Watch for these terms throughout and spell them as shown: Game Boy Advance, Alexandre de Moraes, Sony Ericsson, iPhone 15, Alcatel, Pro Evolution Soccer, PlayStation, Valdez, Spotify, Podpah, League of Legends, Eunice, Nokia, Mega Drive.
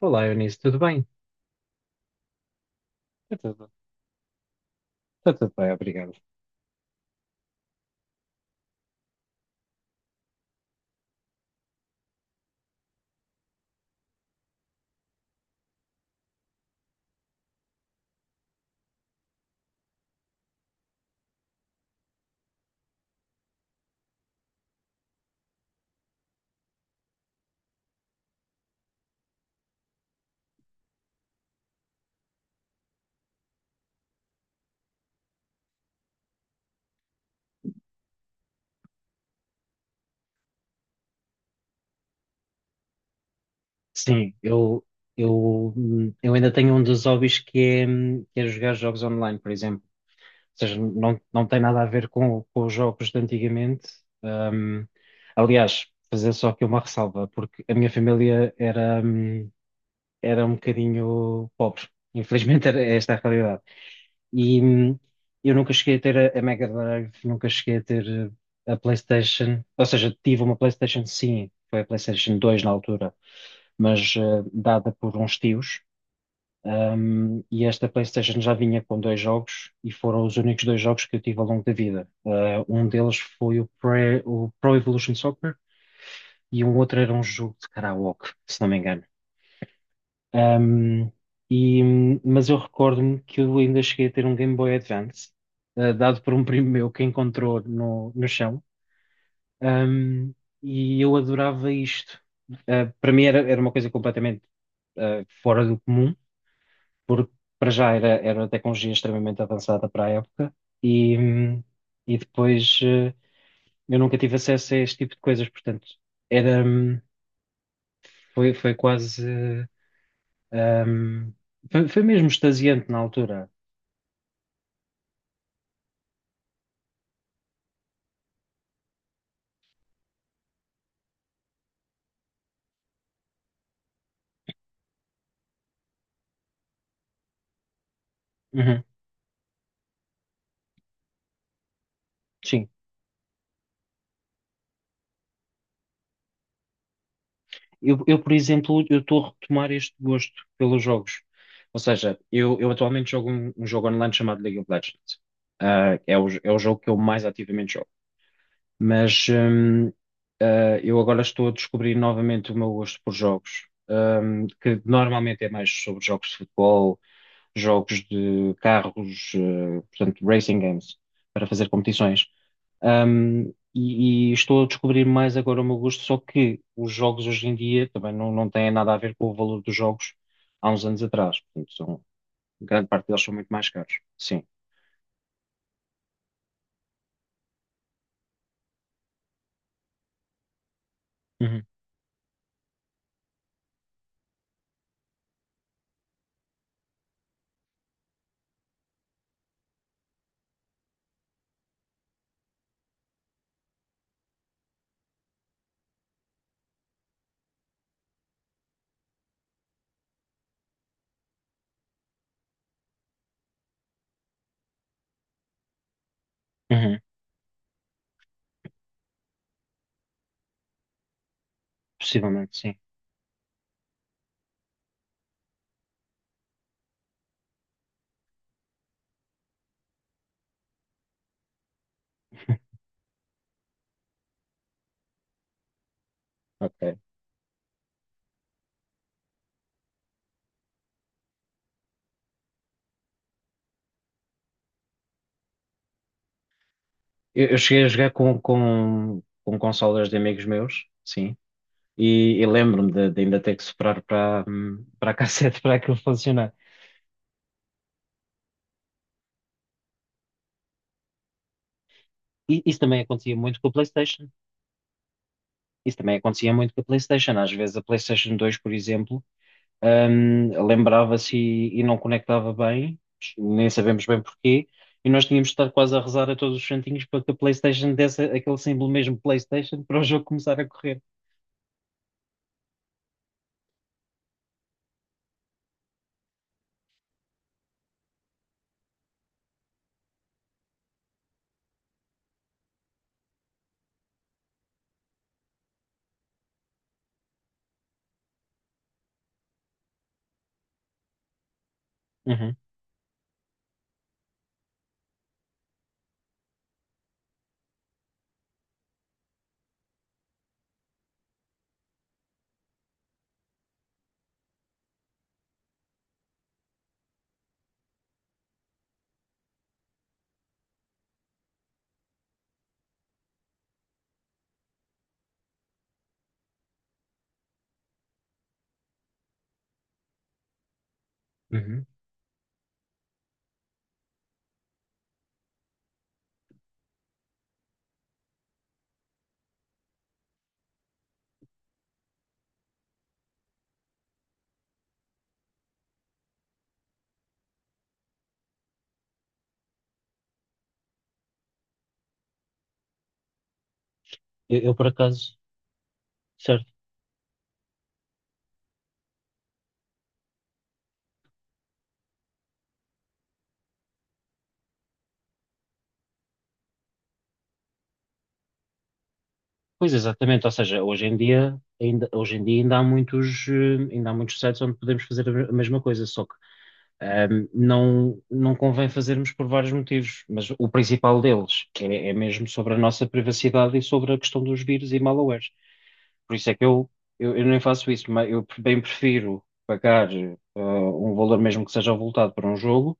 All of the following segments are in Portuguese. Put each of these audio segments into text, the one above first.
Olá, Eunice, tudo bem? Está tudo, está tudo bem, obrigado. Sim, eu ainda tenho um dos hobbies que é jogar jogos online, por exemplo. Ou seja, não tem nada a ver com os jogos de antigamente. Hum, aliás, fazer só aqui uma ressalva, porque a minha família era, era um bocadinho pobre. Infelizmente, era esta a realidade. E eu nunca cheguei a ter a Mega Drive, nunca cheguei a ter a PlayStation. Ou seja, tive uma PlayStation, sim, foi a PlayStation 2 na altura, mas dada por uns tios. E esta PlayStation já vinha com dois jogos e foram os únicos dois jogos que eu tive ao longo da vida. Um deles foi o Pro Evolution Soccer e um outro era um jogo de karaoke, se não me engano. Ahm, e, mas eu recordo-me que eu ainda cheguei a ter um Game Boy Advance, dado por um primo meu que encontrou no chão. Ahm, e eu adorava isto. Para mim era, era uma coisa completamente fora do comum, porque para já era uma tecnologia extremamente avançada para a época. E, hum, e depois eu nunca tive acesso a este tipo de coisas, portanto, era, hum, foi quase. ah, hum, foi mesmo extasiante na altura. Uhum. Sim. Por exemplo, eu estou a retomar este gosto pelos jogos. Ou seja, eu atualmente jogo um, jogo online chamado League of Legends. É o jogo que eu mais ativamente jogo. Mas eu agora estou a descobrir novamente o meu gosto por jogos, que normalmente é mais sobre jogos de futebol, jogos de carros, portanto, racing games, para fazer competições. E estou a descobrir mais agora o meu gosto, só que os jogos hoje em dia também não têm nada a ver com o valor dos jogos há uns anos atrás. Portanto, grande parte deles são muito mais caros. Sim. Uhum. Uhum. Possivelmente, sim. Ok. Eu cheguei a jogar com consolas de amigos meus, sim. E lembro-me de ainda ter que soprar para, para a cassete para aquilo funcionar. Isso também acontecia muito com a PlayStation. Isso também acontecia muito com a PlayStation. Às vezes a PlayStation 2, por exemplo, lembrava-se e, não conectava bem, nem sabemos bem porquê, e nós tínhamos de estar quase a rezar a todos os santinhos para que a PlayStation desse aquele símbolo mesmo PlayStation para o jogo começar a correr. Uhum. Uhum. Por acaso, certo. Pois, exatamente, ou seja, hoje em dia ainda há muitos sites onde podemos fazer a mesma coisa, só... Não convém fazermos por vários motivos, mas o principal deles, que é mesmo sobre a nossa privacidade e sobre a questão dos vírus e malwares. Por isso é que eu nem faço isso, mas eu bem prefiro pagar um valor mesmo que seja avultado para um jogo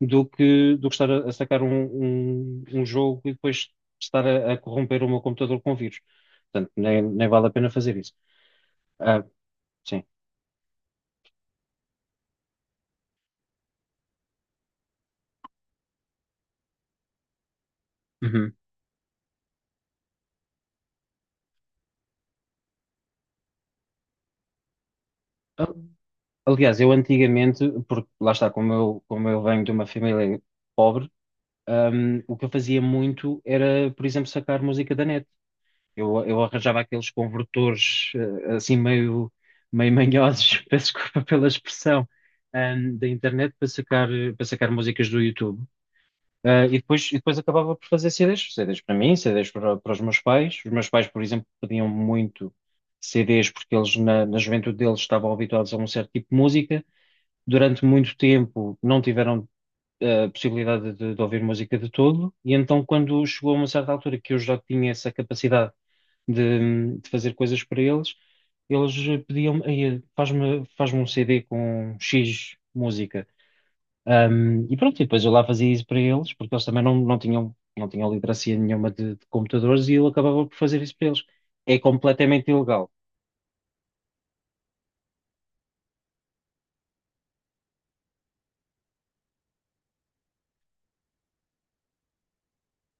do que estar a sacar um jogo e depois estar a corromper o meu computador com vírus. Portanto, nem vale a pena fazer isso. Ah, sim. Uhum. Aliás, eu antigamente, porque lá está, como eu venho de uma família pobre, o que eu fazia muito era, por exemplo, sacar música da net. Eu arranjava aqueles convertores, assim meio manhosos, peço desculpa pela expressão, da internet para sacar músicas do YouTube. E depois acabava por fazer CDs, CDs para mim, CDs para, os meus pais. Os meus pais, por exemplo, pediam muito CDs porque eles na juventude deles estavam habituados a um certo tipo de música. Durante muito tempo não tiveram a possibilidade de ouvir música de todo, e então quando chegou a uma certa altura que eu já tinha essa capacidade de fazer coisas para eles, eles pediam-me: "Ei, faz-me um CD com X música." E pronto, e depois eu lá fazia isso para eles, porque eles também não tinham, literacia nenhuma de computadores, e eu acabava por fazer isso para eles. É completamente ilegal,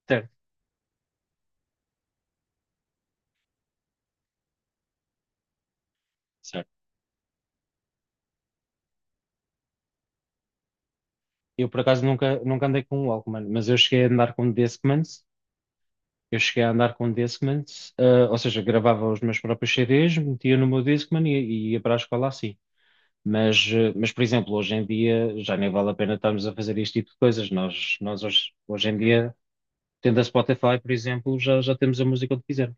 certo? Certo. Eu, por acaso, nunca, andei com um Walkman, mas eu cheguei a andar com Discman. Eu cheguei a andar com um Discman, ou seja, gravava os meus próprios CDs, metia no meu Discman e, ia para a escola assim. Mas, por exemplo, hoje em dia já nem vale a pena estarmos a fazer este tipo de coisas. Nós hoje, hoje em dia, tendo a Spotify, por exemplo, já temos a música onde quisermos.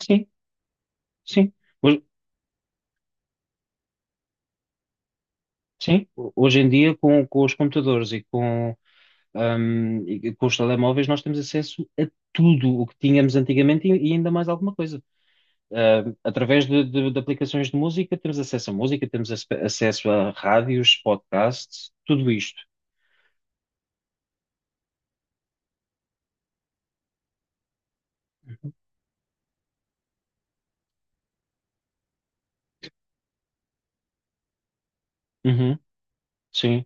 Sim, sim. Hoje, sim, hoje em dia, com os computadores e com os telemóveis, nós temos acesso a tudo o que tínhamos antigamente e ainda mais alguma coisa. Através de aplicações de música, temos acesso a música, temos acesso a rádios, podcasts, tudo isto. Uhum, sim,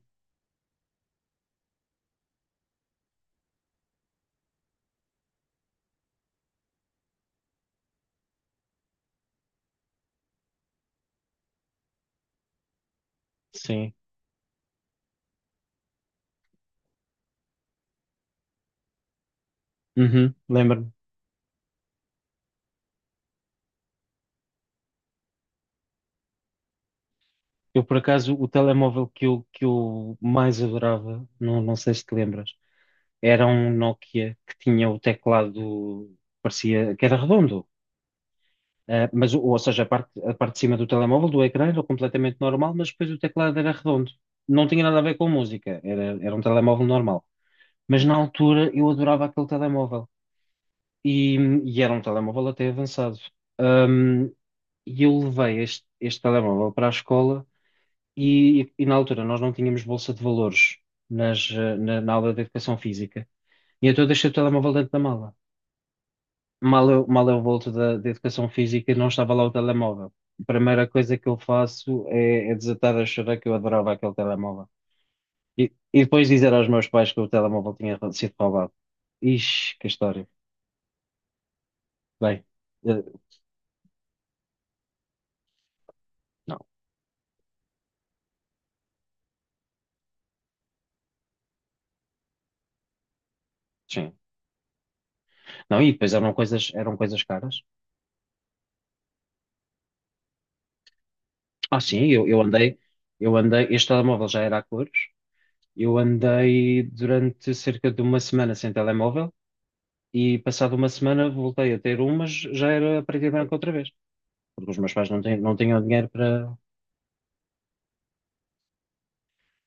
sim. Uhum, lembro-me. Eu, por acaso, o telemóvel que eu, mais adorava, não não sei se te lembras, era um Nokia que tinha o teclado, parecia que era redondo. Mas, ou seja, a parte de cima do telemóvel, do ecrã, era completamente normal, mas depois o teclado era redondo. Não tinha nada a ver com música, era um telemóvel normal. Mas na altura eu adorava aquele telemóvel. E, e era um telemóvel até avançado. Ahm, e eu levei este, telemóvel para a escola e, na altura nós não tínhamos bolsa de valores na aula de educação física. E então eu deixei o telemóvel dentro da mala. Mal eu volto da educação física e não estava lá o telemóvel. A primeira coisa que eu faço é, desatar a chorar, que eu adorava aquele telemóvel. E, e depois, dizer aos meus pais que o telemóvel tinha sido roubado. Ixi, que história. Bem, eh, não, sim. Não, e depois eram coisas, caras. Ah, sim, eu, andei, eu andei, este telemóvel já era a cores, eu andei durante cerca de uma semana sem telemóvel e, passado uma semana, voltei a ter um, mas já era a preto e branco outra vez, porque os meus pais não tinham dinheiro para...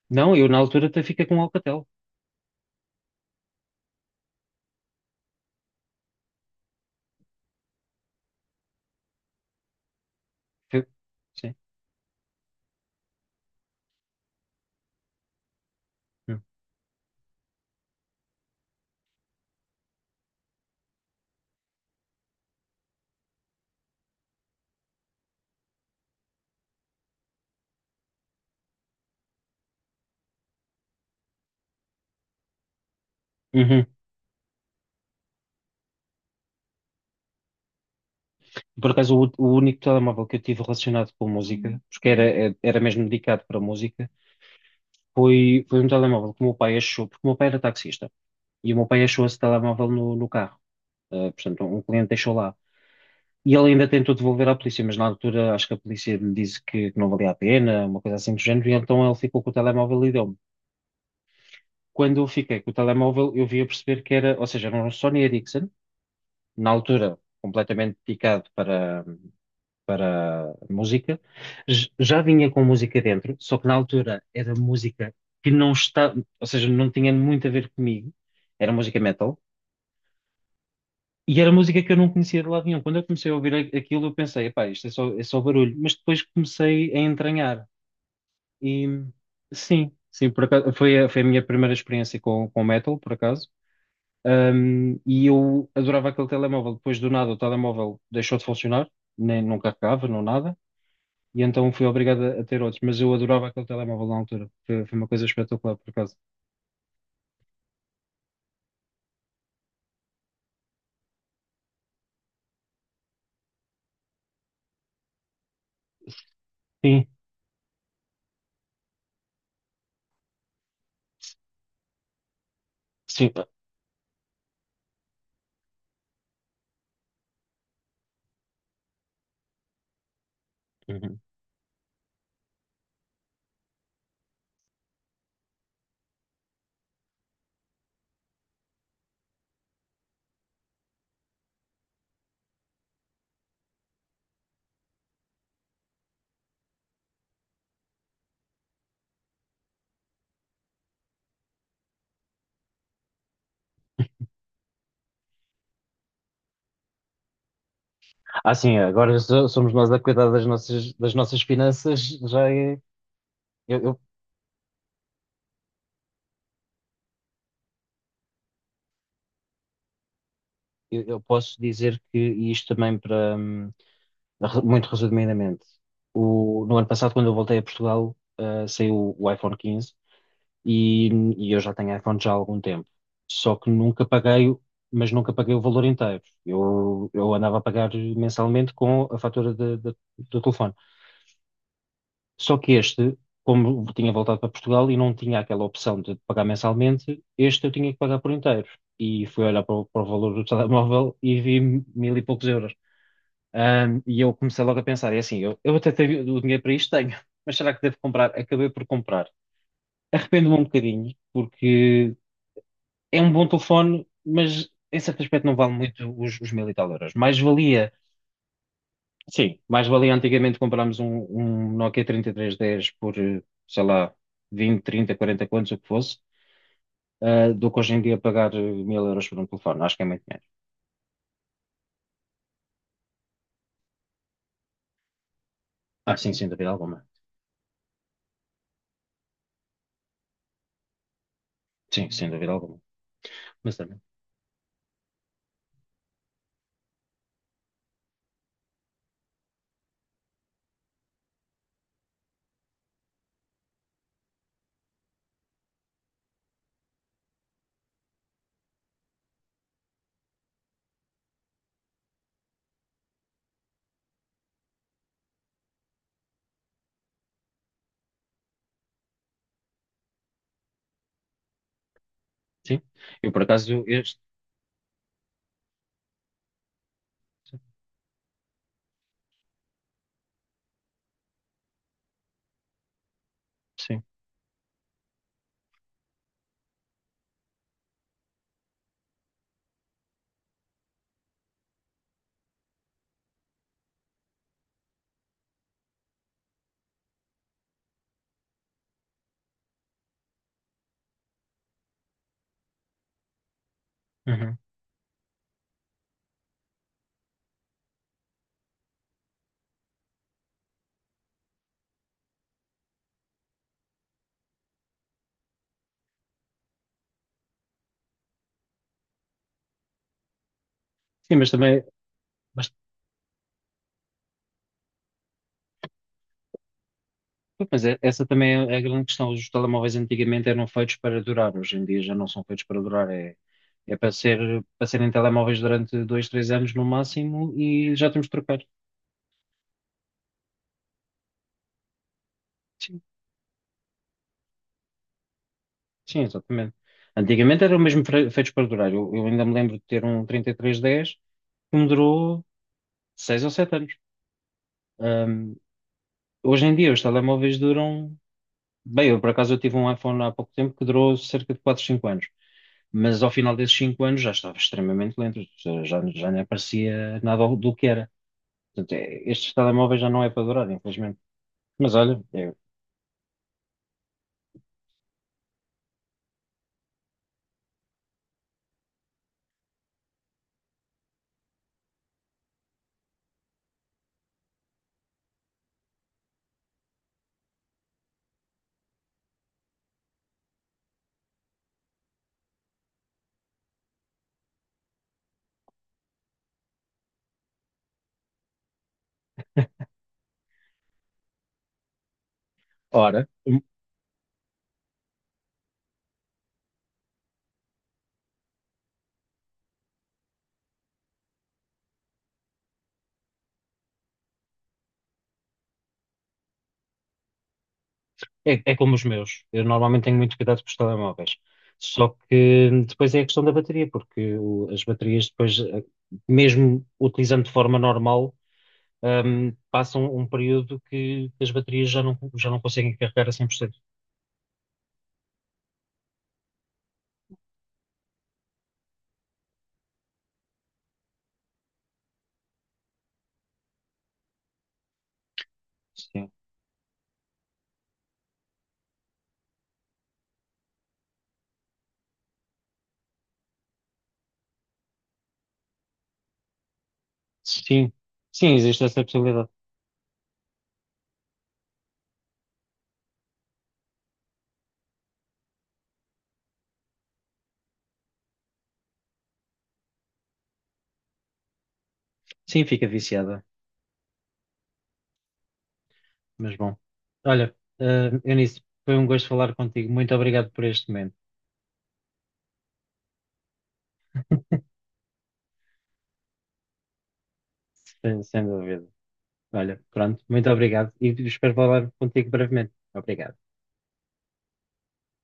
Não, eu na altura até fiquei com um Alcatel. Foi- Sim. Hum. Uhum. Por acaso, o, único telemóvel que eu tive relacionado com música, porque era, era mesmo dedicado para música... Foi um telemóvel que o meu pai achou, porque o meu pai era taxista, e o meu pai achou esse telemóvel no carro. Portanto, um cliente deixou lá. E ele ainda tentou devolver à polícia, mas na altura acho que a polícia lhe disse que, não valia a pena, uma coisa assim do género, e então ele ficou com o telemóvel e deu-me. Quando eu fiquei com o telemóvel, eu vim a perceber que era, ou seja, era um Sony Ericsson, na altura completamente picado para, música. Já vinha com música dentro, só que na altura era música que não está, ou seja, não tinha muito a ver comigo. Era música metal, e era música que eu não conhecia de lado nenhum. Quando eu comecei a ouvir aquilo, eu pensei, pá, isto é só, barulho. Mas depois comecei a entranhar e, sim, sim, por acaso, foi a minha primeira experiência com metal, por acaso. E eu adorava aquele telemóvel. Depois do nada, o telemóvel deixou de funcionar, nem, não carregava, não nada. E então fui obrigado a ter outros. Mas eu adorava aquele telemóvel na altura. Foi uma coisa espetacular, por acaso. Sim, sim. Uhum. Ah, sim, agora somos nós a cuidar das nossas finanças. Já é, eu, eu posso dizer, que e isto também para muito resumidamente. No ano passado, quando eu voltei a Portugal, saiu o iPhone 15 e, eu já tenho iPhone já há algum tempo. Só que nunca paguei, nunca paguei o valor inteiro. Eu andava a pagar mensalmente com a fatura do telefone. Só que este, como tinha voltado para Portugal e não tinha aquela opção de pagar mensalmente, este eu tinha que pagar por inteiro. E fui olhar para o, valor do telemóvel e vi mil e poucos euros. E eu comecei logo a pensar, é assim, eu, até tenho o dinheiro para isto, tenho, mas será que devo comprar? Acabei por comprar. Arrependo-me um bocadinho, porque é um bom telefone, mas em certo aspecto não vale muito os, mil e tal euros. Mais valia, sim, mais valia antigamente comprarmos um, Nokia 3310 por, sei lá, 20, 30, 40, quantos, o que fosse, do que hoje em dia pagar mil euros por um telefone. Acho que é muito dinheiro. Ah, sim, sem dúvida alguma. Sim, sem dúvida alguma. Mas também, sim. Eu, por acaso, este, sim. Uhum. Sim, mas também, mas essa também é a grande questão. Os telemóveis antigamente eram feitos para durar, hoje em dia já não são feitos para durar. É para serem telemóveis durante 2, 3 anos no máximo, e já temos de trocar. Sim, sim, exatamente. Antigamente eram mesmo feitos para durar. Eu ainda me lembro de ter um 3310 que me durou 6 ou 7 anos. Ahm, Hoje em dia os telemóveis duram... Bem, eu, por acaso, eu tive um iPhone há pouco tempo que durou cerca de 4, 5 anos, mas ao final desses 5 anos já estava extremamente lento, já nem aparecia nada do que era. Portanto, estes telemóveis já não é para durar, infelizmente. Mas olha, Ora, é como os meus. Eu normalmente tenho muito cuidado com os telemóveis. Só que depois é a questão da bateria, porque as baterias depois, mesmo utilizando de forma normal, passam um período que as baterias já não conseguem carregar a 100%. Sim, sim, existe essa possibilidade. Sim, fica viciada, mas bom. Olha, Eunice, foi um gosto falar contigo. Muito obrigado por este momento, sem dúvida. Olha, pronto, muito obrigado e espero falar contigo brevemente. Obrigado.